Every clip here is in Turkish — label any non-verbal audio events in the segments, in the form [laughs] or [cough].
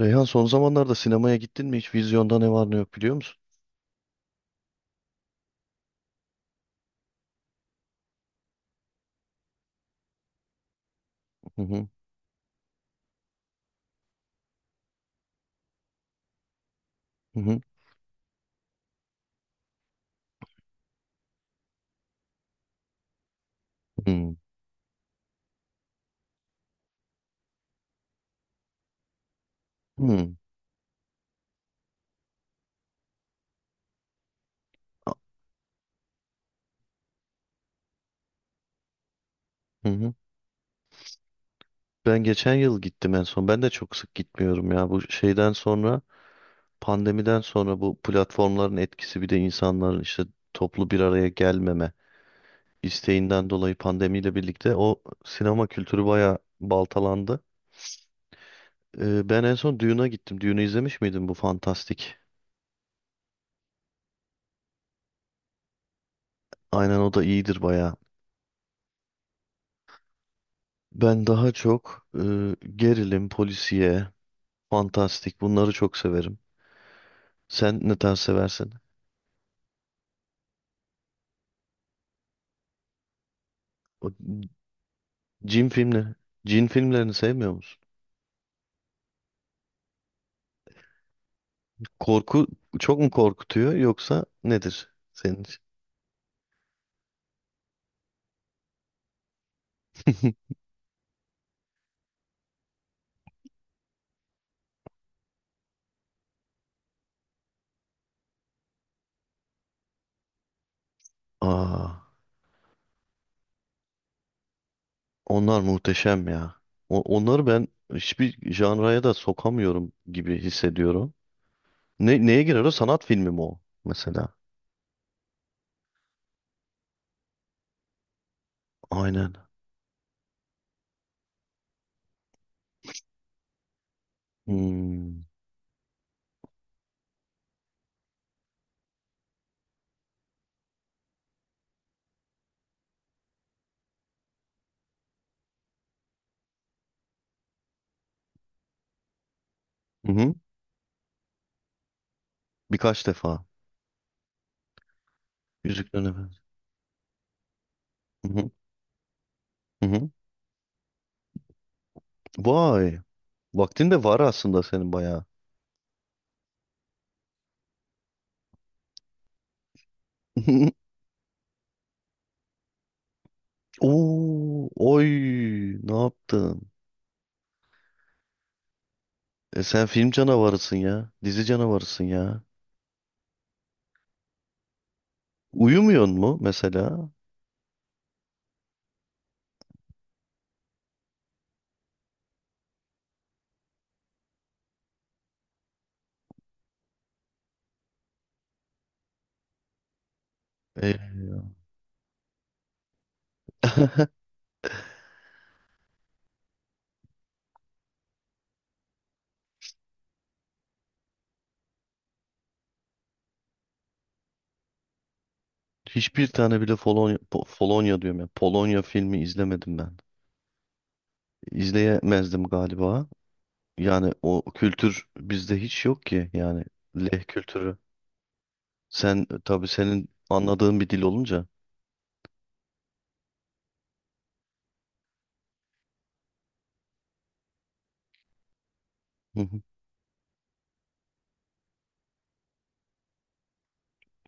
Reyhan, son zamanlarda sinemaya gittin mi hiç? Vizyonda ne var ne yok biliyor musun? Hı hı, hı hı, hı hı, a- hı hı. Ben geçen yıl gittim en son. Ben de çok sık gitmiyorum ya. Bu pandemiden sonra bu platformların etkisi, bir de insanların işte toplu bir araya gelmeme isteğinden dolayı pandemiyle birlikte o sinema kültürü bayağı baltalandı. Ben en son Dune'a gittim. Dune'u izlemiş miydin, bu fantastik? Aynen, o da iyidir bayağı. Ben daha çok gerilim, polisiye, fantastik. Bunları çok severim. Sen ne tarz seversin? O cin filmleri. Cin filmlerini sevmiyor musun? Korku çok mu korkutuyor, yoksa nedir senin için? [laughs] Aa, onlar muhteşem ya. Onları ben hiçbir janraya da sokamıyorum gibi hissediyorum. Neye girer o? Sanat filmi mi o mesela? Aynen. Hmm. Hı-hı. Birkaç defa. Yüzüklerin Efendisi. Hı-hı. Hı-hı. Vay. Vaktin de var aslında senin bayağı. [laughs] Oo, oy, ne yaptın? E sen film canavarısın ya, dizi canavarısın ya. Uyumuyorsun mu mesela? E, [laughs] Hiçbir tane bile Polonya, Polonya diyorum ya. Polonya filmi izlemedim ben. İzleyemezdim galiba. Yani o kültür bizde hiç yok ki yani, leh kültürü. Sen tabii, senin anladığın bir dil olunca. Hı hı.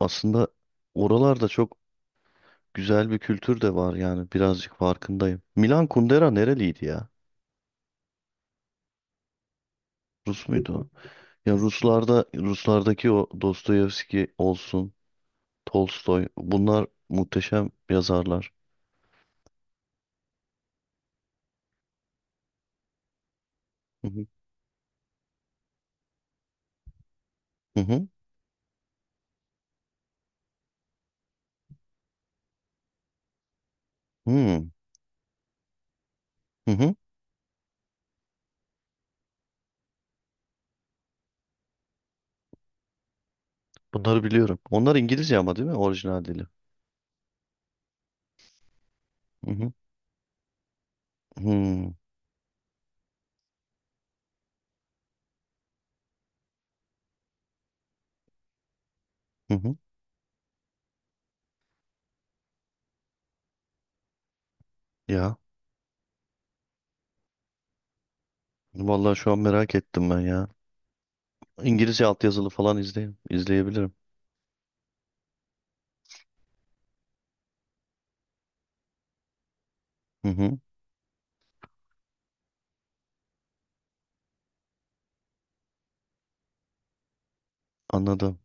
Aslında oralarda çok güzel bir kültür de var yani, birazcık farkındayım. Milan Kundera nereliydi ya? Rus muydu o? Ya Ruslarda, Ruslardaki o Dostoyevski olsun, Tolstoy, bunlar muhteşem yazarlar. Hı hı. Hı hı. Hı hı. Hı. Bunları biliyorum. Onlar İngilizce ama, değil mi? Orijinal dili. Hı hı. Hı hı. Hı. Ya vallahi şu an merak ettim ben ya. İngilizce altyazılı falan izleyebilirim. Hı hı. Anladım.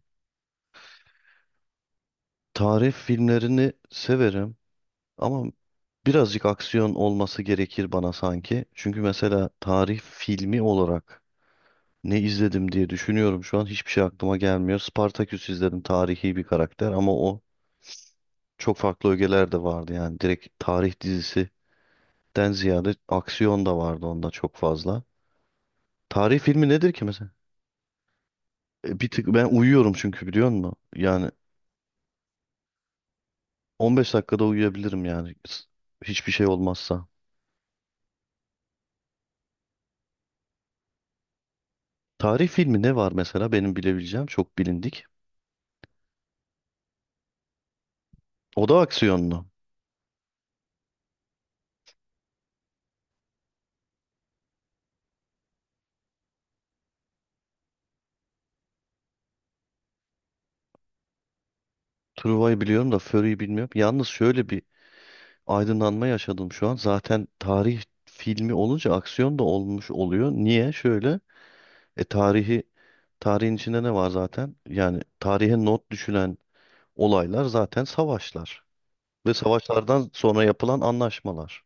Tarih filmlerini severim ama birazcık aksiyon olması gerekir bana sanki. Çünkü mesela tarih filmi olarak ne izledim diye düşünüyorum şu an. Hiçbir şey aklıma gelmiyor. Spartaküs izledim. Tarihi bir karakter, ama o çok farklı ögeler de vardı. Yani direkt tarih dizisinden ziyade aksiyon da vardı onda çok fazla. Tarih filmi nedir ki mesela? Bir tık ben uyuyorum çünkü, biliyor musun? Yani 15 dakikada uyuyabilirim yani. Hiçbir şey olmazsa. Tarih filmi ne var mesela benim bilebileceğim, çok bilindik. O da aksiyonlu. Truva'yı biliyorum da Fury'yi bilmiyorum. Yalnız şöyle bir aydınlanma yaşadım şu an. Zaten tarih filmi olunca aksiyon da olmuş oluyor. Niye? Şöyle, e tarihi tarihin içinde ne var zaten? Yani tarihe not düşülen olaylar zaten savaşlar ve savaşlardan sonra yapılan anlaşmalar.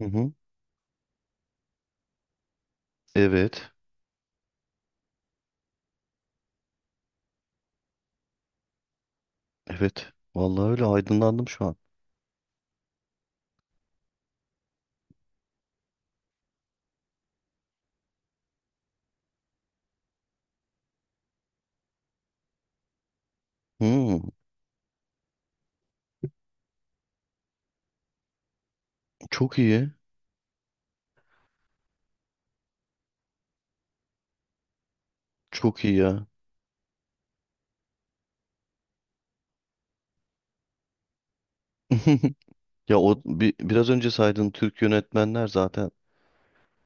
Hı hı. Evet. Evet. Vallahi öyle aydınlandım şu an. Hmm, çok iyi. Çok iyi ya. [laughs] Ya o biraz önce saydığın Türk yönetmenler zaten,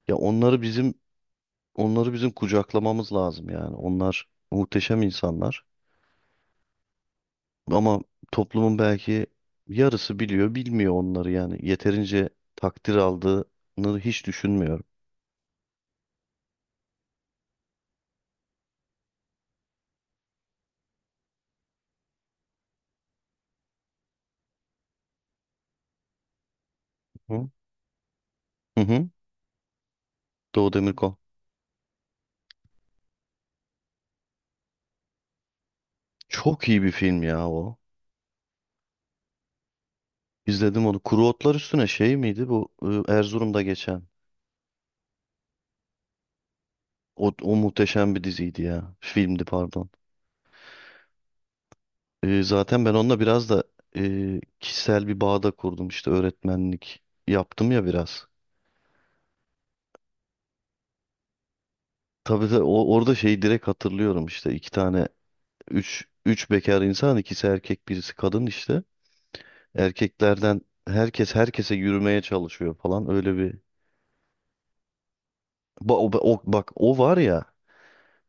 ya onları bizim onları bizim kucaklamamız lazım yani. Onlar muhteşem insanlar. Ama toplumun belki yarısı biliyor, bilmiyor onları yani. Yeterince takdir aldığını hiç düşünmüyorum. Hı hı. Hı. Doğu Demirkol. Çok iyi bir film ya o. İzledim onu. Kuru Otlar Üstüne şey miydi bu? Erzurum'da geçen. O, o muhteşem bir diziydi ya. Filmdi pardon. Zaten ben onunla biraz da kişisel bir bağda kurdum. İşte öğretmenlik yaptım ya biraz. Tabii tabii, orada şeyi direkt hatırlıyorum, işte iki tane üç bekar insan, ikisi erkek birisi kadın işte. Erkeklerden herkes herkese yürümeye çalışıyor falan, öyle bir. Bak o var ya,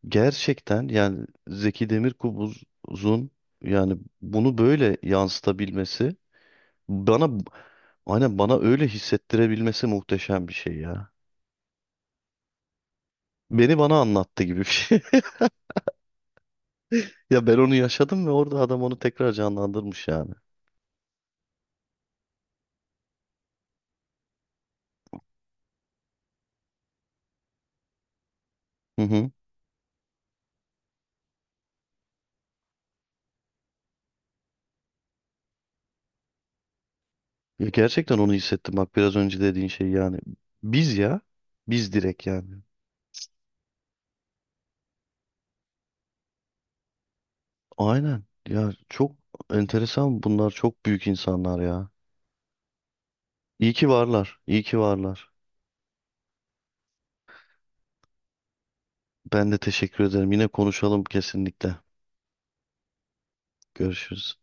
gerçekten yani, Zeki Demirkubuz'un yani bunu böyle yansıtabilmesi, bana aynen bana öyle hissettirebilmesi muhteşem bir şey ya. Beni bana anlattı gibi bir şey. [laughs] Ya ben onu yaşadım ve orada adam onu tekrar canlandırmış yani. Hı hı. Ya gerçekten onu hissettim, bak biraz önce dediğin şey yani. Biz ya. Biz direkt yani. Aynen. Ya çok enteresan, bunlar çok büyük insanlar ya. İyi ki varlar. İyi ki varlar. Ben de teşekkür ederim. Yine konuşalım kesinlikle. Görüşürüz.